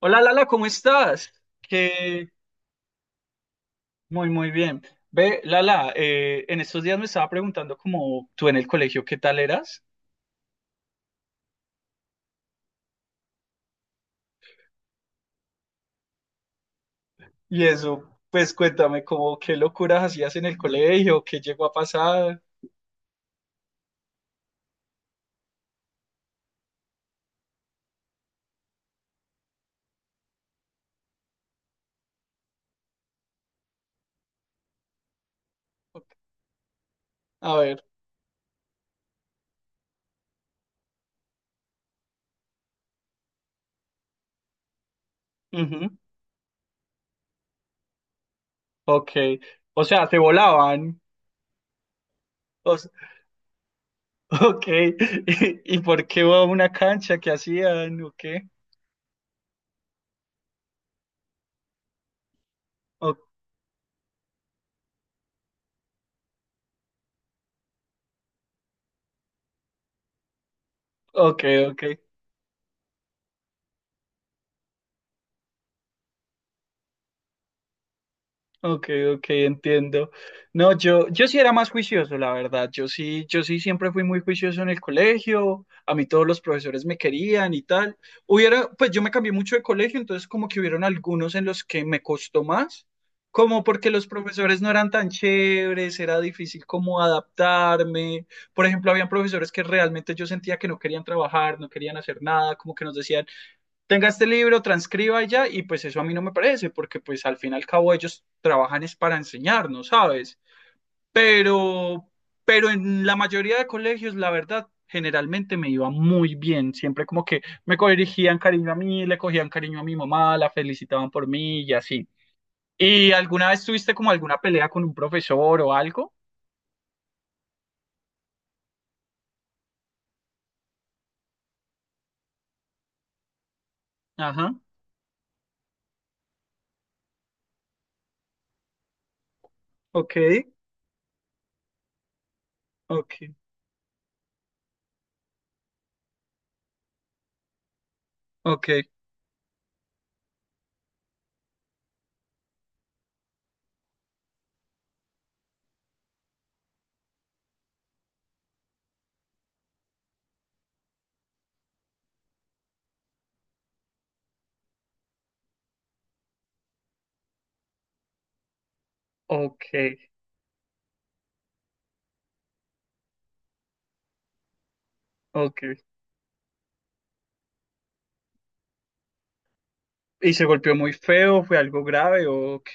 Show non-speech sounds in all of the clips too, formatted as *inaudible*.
Hola Lala, ¿cómo estás? Que Muy muy bien. Ve, Lala, en estos días me estaba preguntando como tú en el colegio qué tal eras. Y eso, pues cuéntame como qué locuras hacías en el colegio, qué llegó a pasar. Ok, a ver, ujú, ok. O sea, te volaban. O s- *laughs* ok. *laughs* ¿Y por qué iba a una cancha? ¿Qué hacían? ¿O qué? O- ok, ok. Ok, ok, entiendo. No, yo sí era más juicioso, la verdad. Yo sí siempre fui muy juicioso en el colegio. A mí todos los profesores me querían y tal. Pues yo me cambié mucho de colegio, entonces como que hubieron algunos en los que me costó más, como porque los profesores no eran tan chéveres, era difícil como adaptarme. Por ejemplo, habían profesores que realmente yo sentía que no querían trabajar, no querían hacer nada, como que nos decían tenga este libro, transcriba y ya, y pues eso a mí no me parece, porque pues al fin y al cabo ellos trabajan es para enseñarnos, ¿sabes? Pero, pero en la mayoría de colegios, la verdad, generalmente me iba muy bien, siempre como que me corrigían cariño a mí, le cogían cariño a mi mamá, la felicitaban por mí y así. ¿Y alguna vez tuviste como alguna pelea con un profesor o algo? Ajá, ok, ok, ok, ok, ok. ¿Y se golpeó muy feo? ¿Fue algo grave o ok?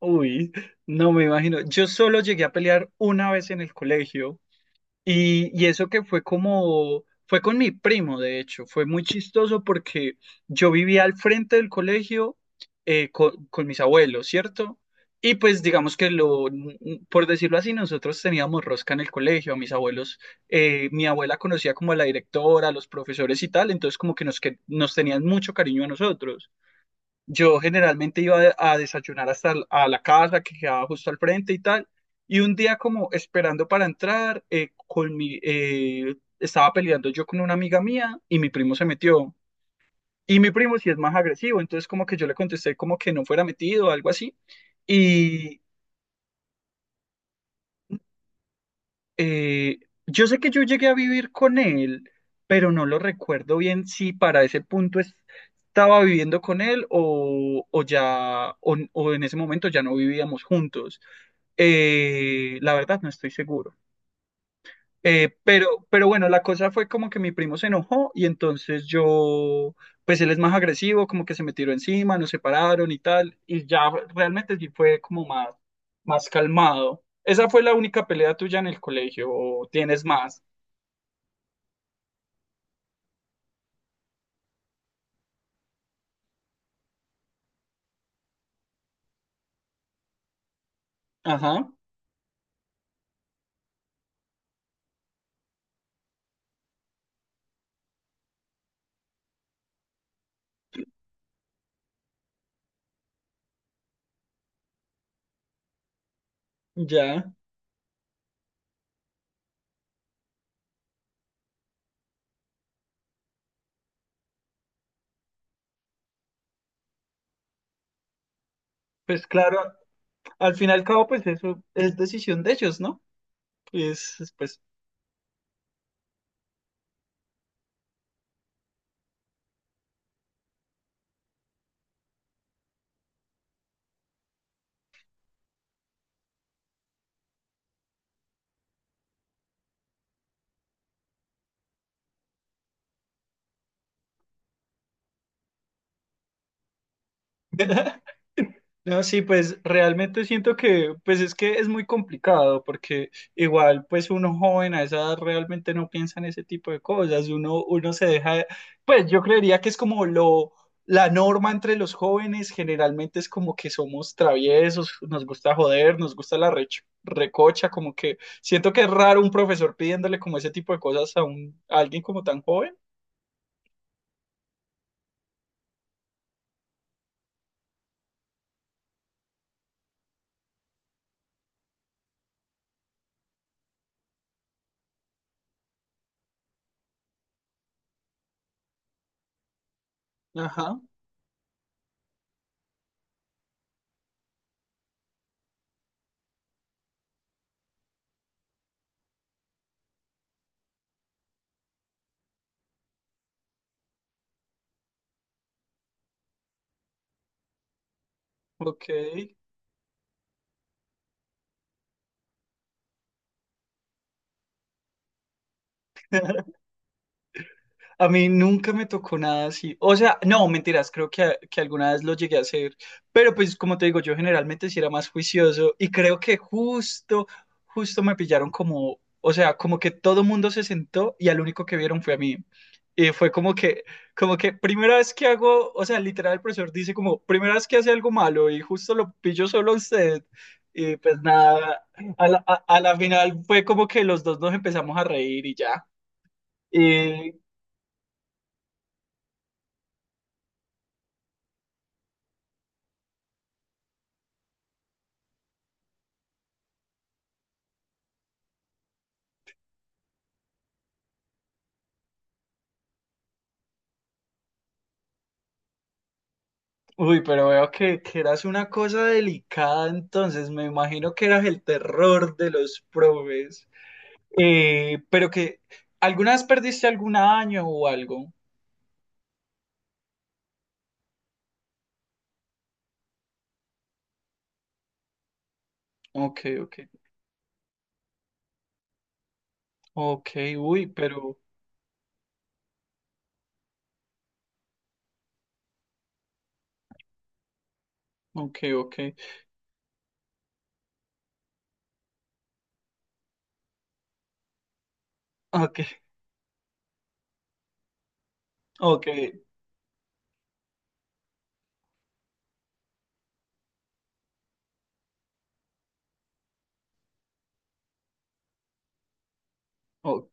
Uy, no me imagino. Yo solo llegué a pelear una vez en el colegio y eso que fue con mi primo, de hecho, fue muy chistoso porque yo vivía al frente del colegio, con mis abuelos, ¿cierto? Y pues digamos que por decirlo así, nosotros teníamos rosca en el colegio, a mis abuelos, mi abuela conocía como a la directora, a los profesores y tal, entonces como que que nos tenían mucho cariño a nosotros. Yo generalmente iba a desayunar hasta a la casa que quedaba justo al frente y tal. Y un día como esperando para entrar, estaba peleando yo con una amiga mía y mi primo se metió. Y mi primo sí es más agresivo, entonces como que yo le contesté como que no fuera metido o algo así. eh, yo sé que yo llegué a vivir con él, pero no lo recuerdo bien si para ese punto estaba viviendo con él o ya, o en ese momento ya no vivíamos juntos. La verdad no estoy seguro. Pero bueno, la cosa fue como que mi primo se enojó y entonces pues él es más agresivo, como que se me tiró encima, nos separaron y tal, y ya realmente sí fue como más calmado. ¿Esa fue la única pelea tuya en el colegio o tienes más? Ajá, ya. Pues claro, al final y al cabo, pues eso es decisión de ellos, ¿no? Es, pues. *laughs* No, sí, pues realmente siento que, pues es que es muy complicado porque igual, pues uno joven a esa edad realmente no piensa en ese tipo de cosas, uno se deja, pues yo creería que es como lo, la norma entre los jóvenes, generalmente es como que somos traviesos, nos gusta joder, nos gusta la recocha, como que siento que es raro un profesor pidiéndole como ese tipo de cosas a un, a alguien como tan joven. Ajá, ok. *laughs* A mí nunca me tocó nada así. O sea, no, mentiras, creo que alguna vez lo llegué a hacer. Pero pues como te digo, yo generalmente sí era más juicioso y creo que justo me pillaron como, o sea, como que todo mundo se sentó y al único que vieron fue a mí. Y fue como que primera vez que hago, o sea, literal el profesor dice como, primera vez que hace algo malo y justo lo pillo solo a usted. Y pues nada, a la final fue como que los dos nos empezamos a reír y ya. Uy, pero veo que eras una cosa delicada entonces, me imagino que eras el terror de los probes. Eh, pero que, ¿Alguna vez perdiste algún año o algo? Ok, ok, ok, uy, pero, ok, ok, ok, ok, ok.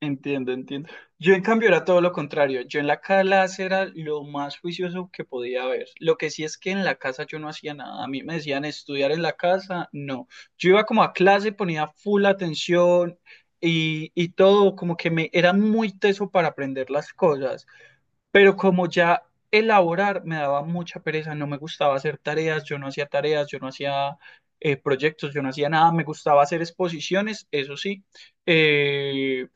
Entiendo, entiendo. Yo en cambio era todo lo contrario. Yo en la clase era lo más juicioso que podía haber. Lo que sí es que en la casa yo no hacía nada. A mí me decían estudiar en la casa, no. Yo iba como a clase, ponía full atención y todo, como que me era muy teso para aprender las cosas. Pero como ya elaborar me daba mucha pereza, no me gustaba hacer tareas, yo no hacía tareas, yo no hacía proyectos, yo no hacía nada, me gustaba hacer exposiciones, eso sí. Eh,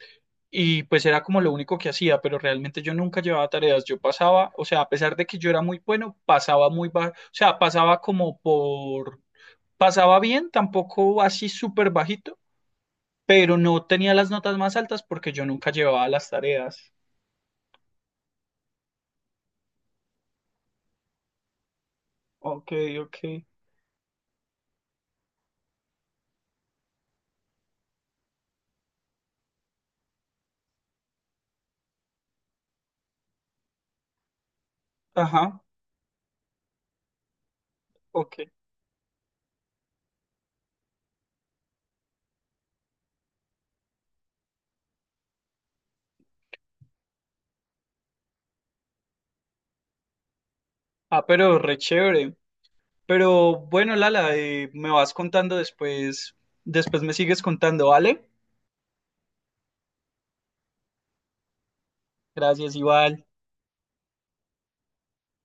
y pues era como lo único que hacía, pero realmente yo nunca llevaba tareas. Yo pasaba, o sea, a pesar de que yo era muy bueno, pasaba muy bajo, o sea, pasaba bien, tampoco así súper bajito, pero no tenía las notas más altas porque yo nunca llevaba las tareas. Ok, ok. Ajá, ok. Ah, pero re chévere. Pero bueno, Lala, me vas contando después, después me sigues contando, ¿vale? Gracias, Iván.